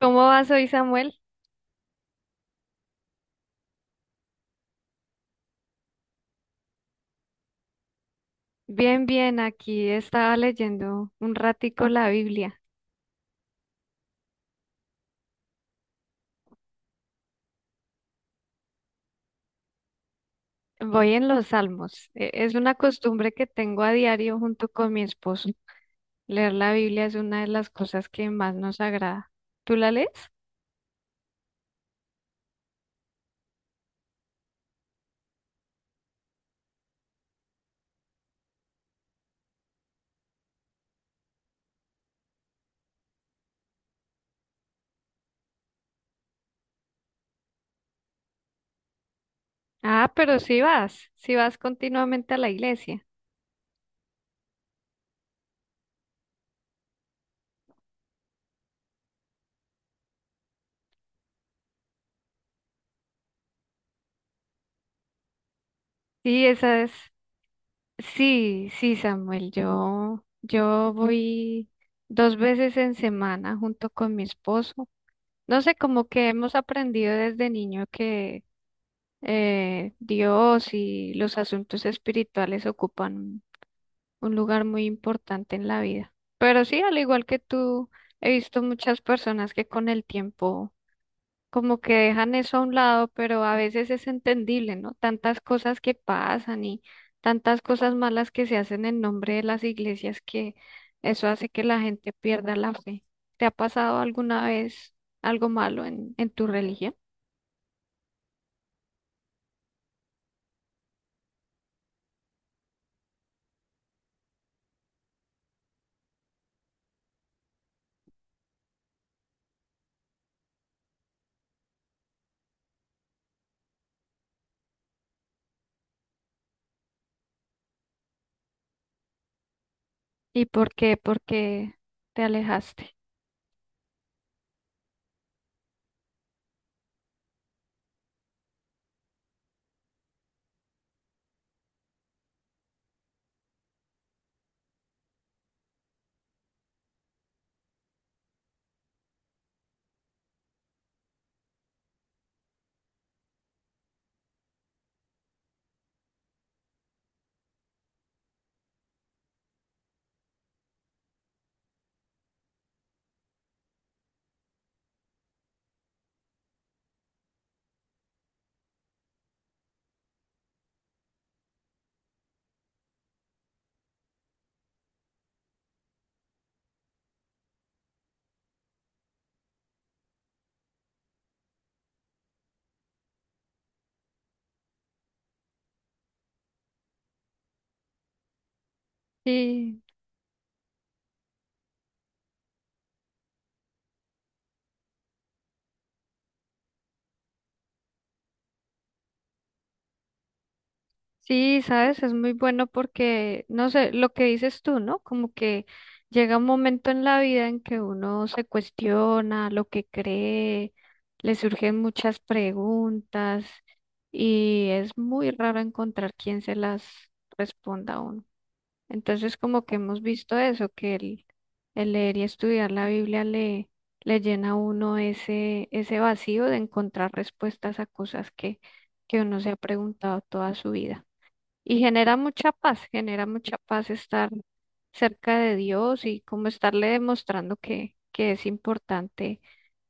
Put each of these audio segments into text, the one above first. ¿Cómo vas hoy, Samuel? Bien, bien, aquí estaba leyendo un ratico la Biblia. Voy en los Salmos. Es una costumbre que tengo a diario junto con mi esposo. Leer la Biblia es una de las cosas que más nos agrada. ¿Tú la lees? Ah, pero sí vas continuamente a la iglesia. Sí, esa es. Sí, sí, Samuel, yo voy dos veces en semana junto con mi esposo. No sé, como que hemos aprendido desde niño que Dios y los asuntos espirituales ocupan un lugar muy importante en la vida. Pero sí, al igual que tú, he visto muchas personas que con el tiempo como que dejan eso a un lado, pero a veces es entendible, ¿no? Tantas cosas que pasan y tantas cosas malas que se hacen en nombre de las iglesias que eso hace que la gente pierda la fe. ¿Te ha pasado alguna vez algo malo en tu religión? ¿Y por qué? ¿Por qué te alejaste? Sí, sí, sabes, es muy bueno porque, no sé, lo que dices tú, ¿no? Como que llega un momento en la vida en que uno se cuestiona lo que cree, le surgen muchas preguntas y es muy raro encontrar quien se las responda a uno. Entonces, como que hemos visto eso, que el leer y estudiar la Biblia le llena a uno ese vacío de encontrar respuestas a cosas que uno se ha preguntado toda su vida. Y genera mucha paz estar cerca de Dios y como estarle demostrando que es importante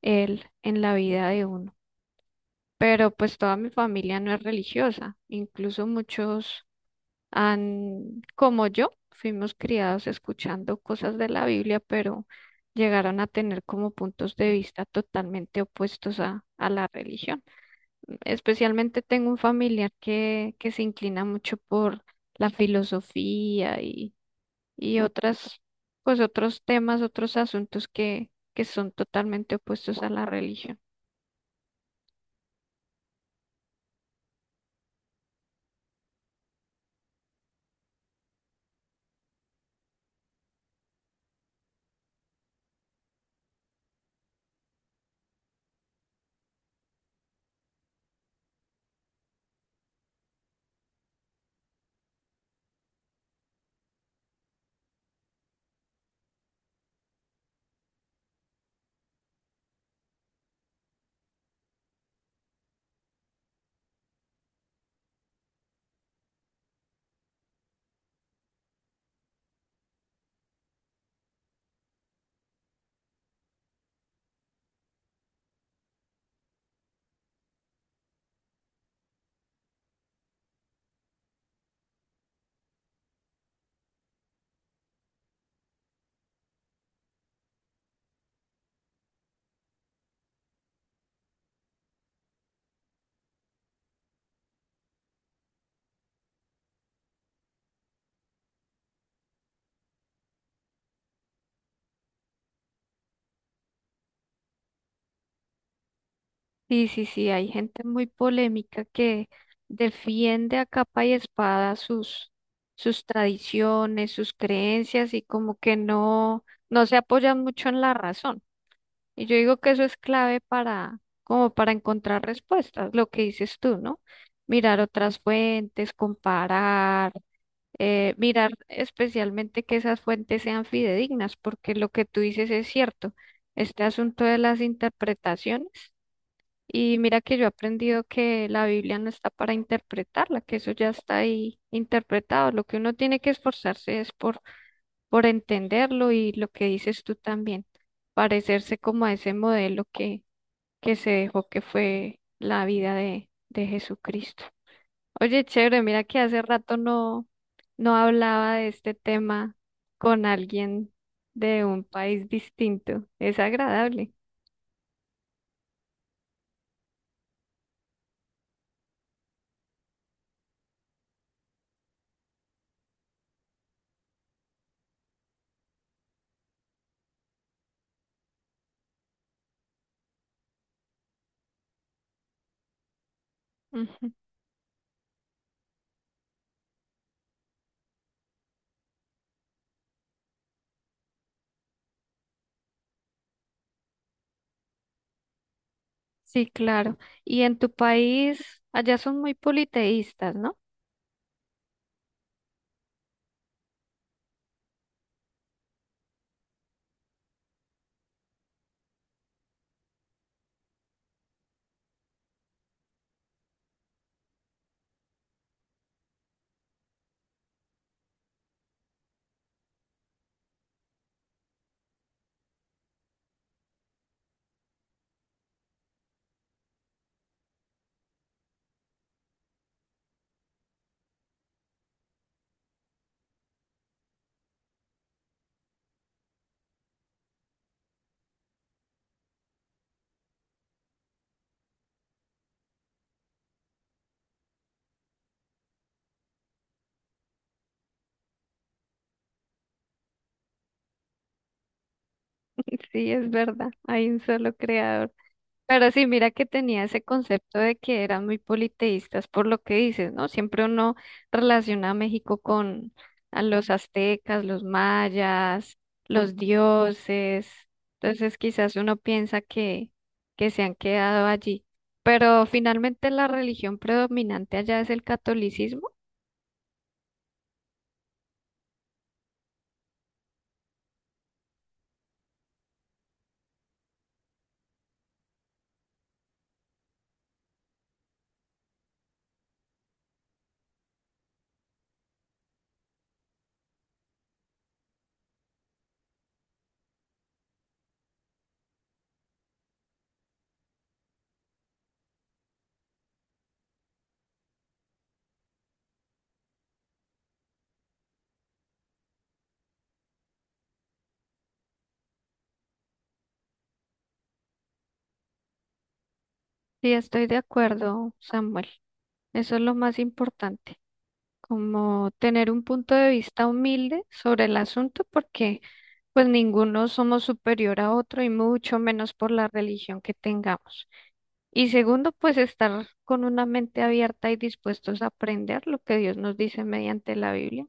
Él en la vida de uno. Pero pues toda mi familia no es religiosa, incluso muchos han, como yo, fuimos criados escuchando cosas de la Biblia, pero llegaron a tener como puntos de vista totalmente opuestos a la religión. Especialmente tengo un familiar que se inclina mucho por la filosofía y otras, pues otros temas, otros asuntos que son totalmente opuestos a la religión. Sí, sí, sí, hay gente muy polémica que defiende a capa y espada sus, sus tradiciones, sus creencias y como que no, no se apoyan mucho en la razón. Y yo digo que eso es clave para, como para encontrar respuestas, lo que dices tú, ¿no? Mirar otras fuentes, comparar, mirar especialmente que esas fuentes sean fidedignas, porque lo que tú dices es cierto. Este asunto de las interpretaciones. Y mira que yo he aprendido que la Biblia no está para interpretarla, que eso ya está ahí interpretado. Lo que uno tiene que esforzarse es por entenderlo y lo que dices tú también, parecerse como a ese modelo que se dejó que fue la vida de Jesucristo. Oye, chévere, mira que hace rato no, no hablaba de este tema con alguien de un país distinto. Es agradable. Sí, claro. Y en tu país, allá son muy politeístas, ¿no? Sí, es verdad, hay un solo creador. Pero sí, mira que tenía ese concepto de que eran muy politeístas por lo que dices, ¿no? Siempre uno relaciona a México con a los aztecas, los mayas, los dioses. Entonces, quizás uno piensa que se han quedado allí. Pero finalmente la religión predominante allá es el catolicismo. Sí, estoy de acuerdo, Samuel. Eso es lo más importante, como tener un punto de vista humilde sobre el asunto, porque pues ninguno somos superior a otro y mucho menos por la religión que tengamos. Y segundo, pues estar con una mente abierta y dispuestos a aprender lo que Dios nos dice mediante la Biblia.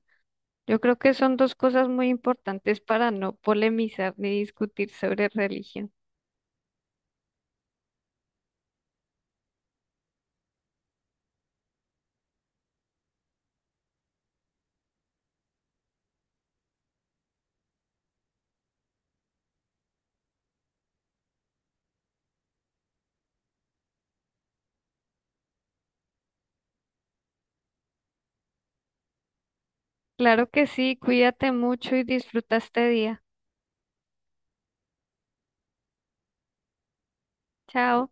Yo creo que son dos cosas muy importantes para no polemizar ni discutir sobre religión. Claro que sí, cuídate mucho y disfruta este día. Chao.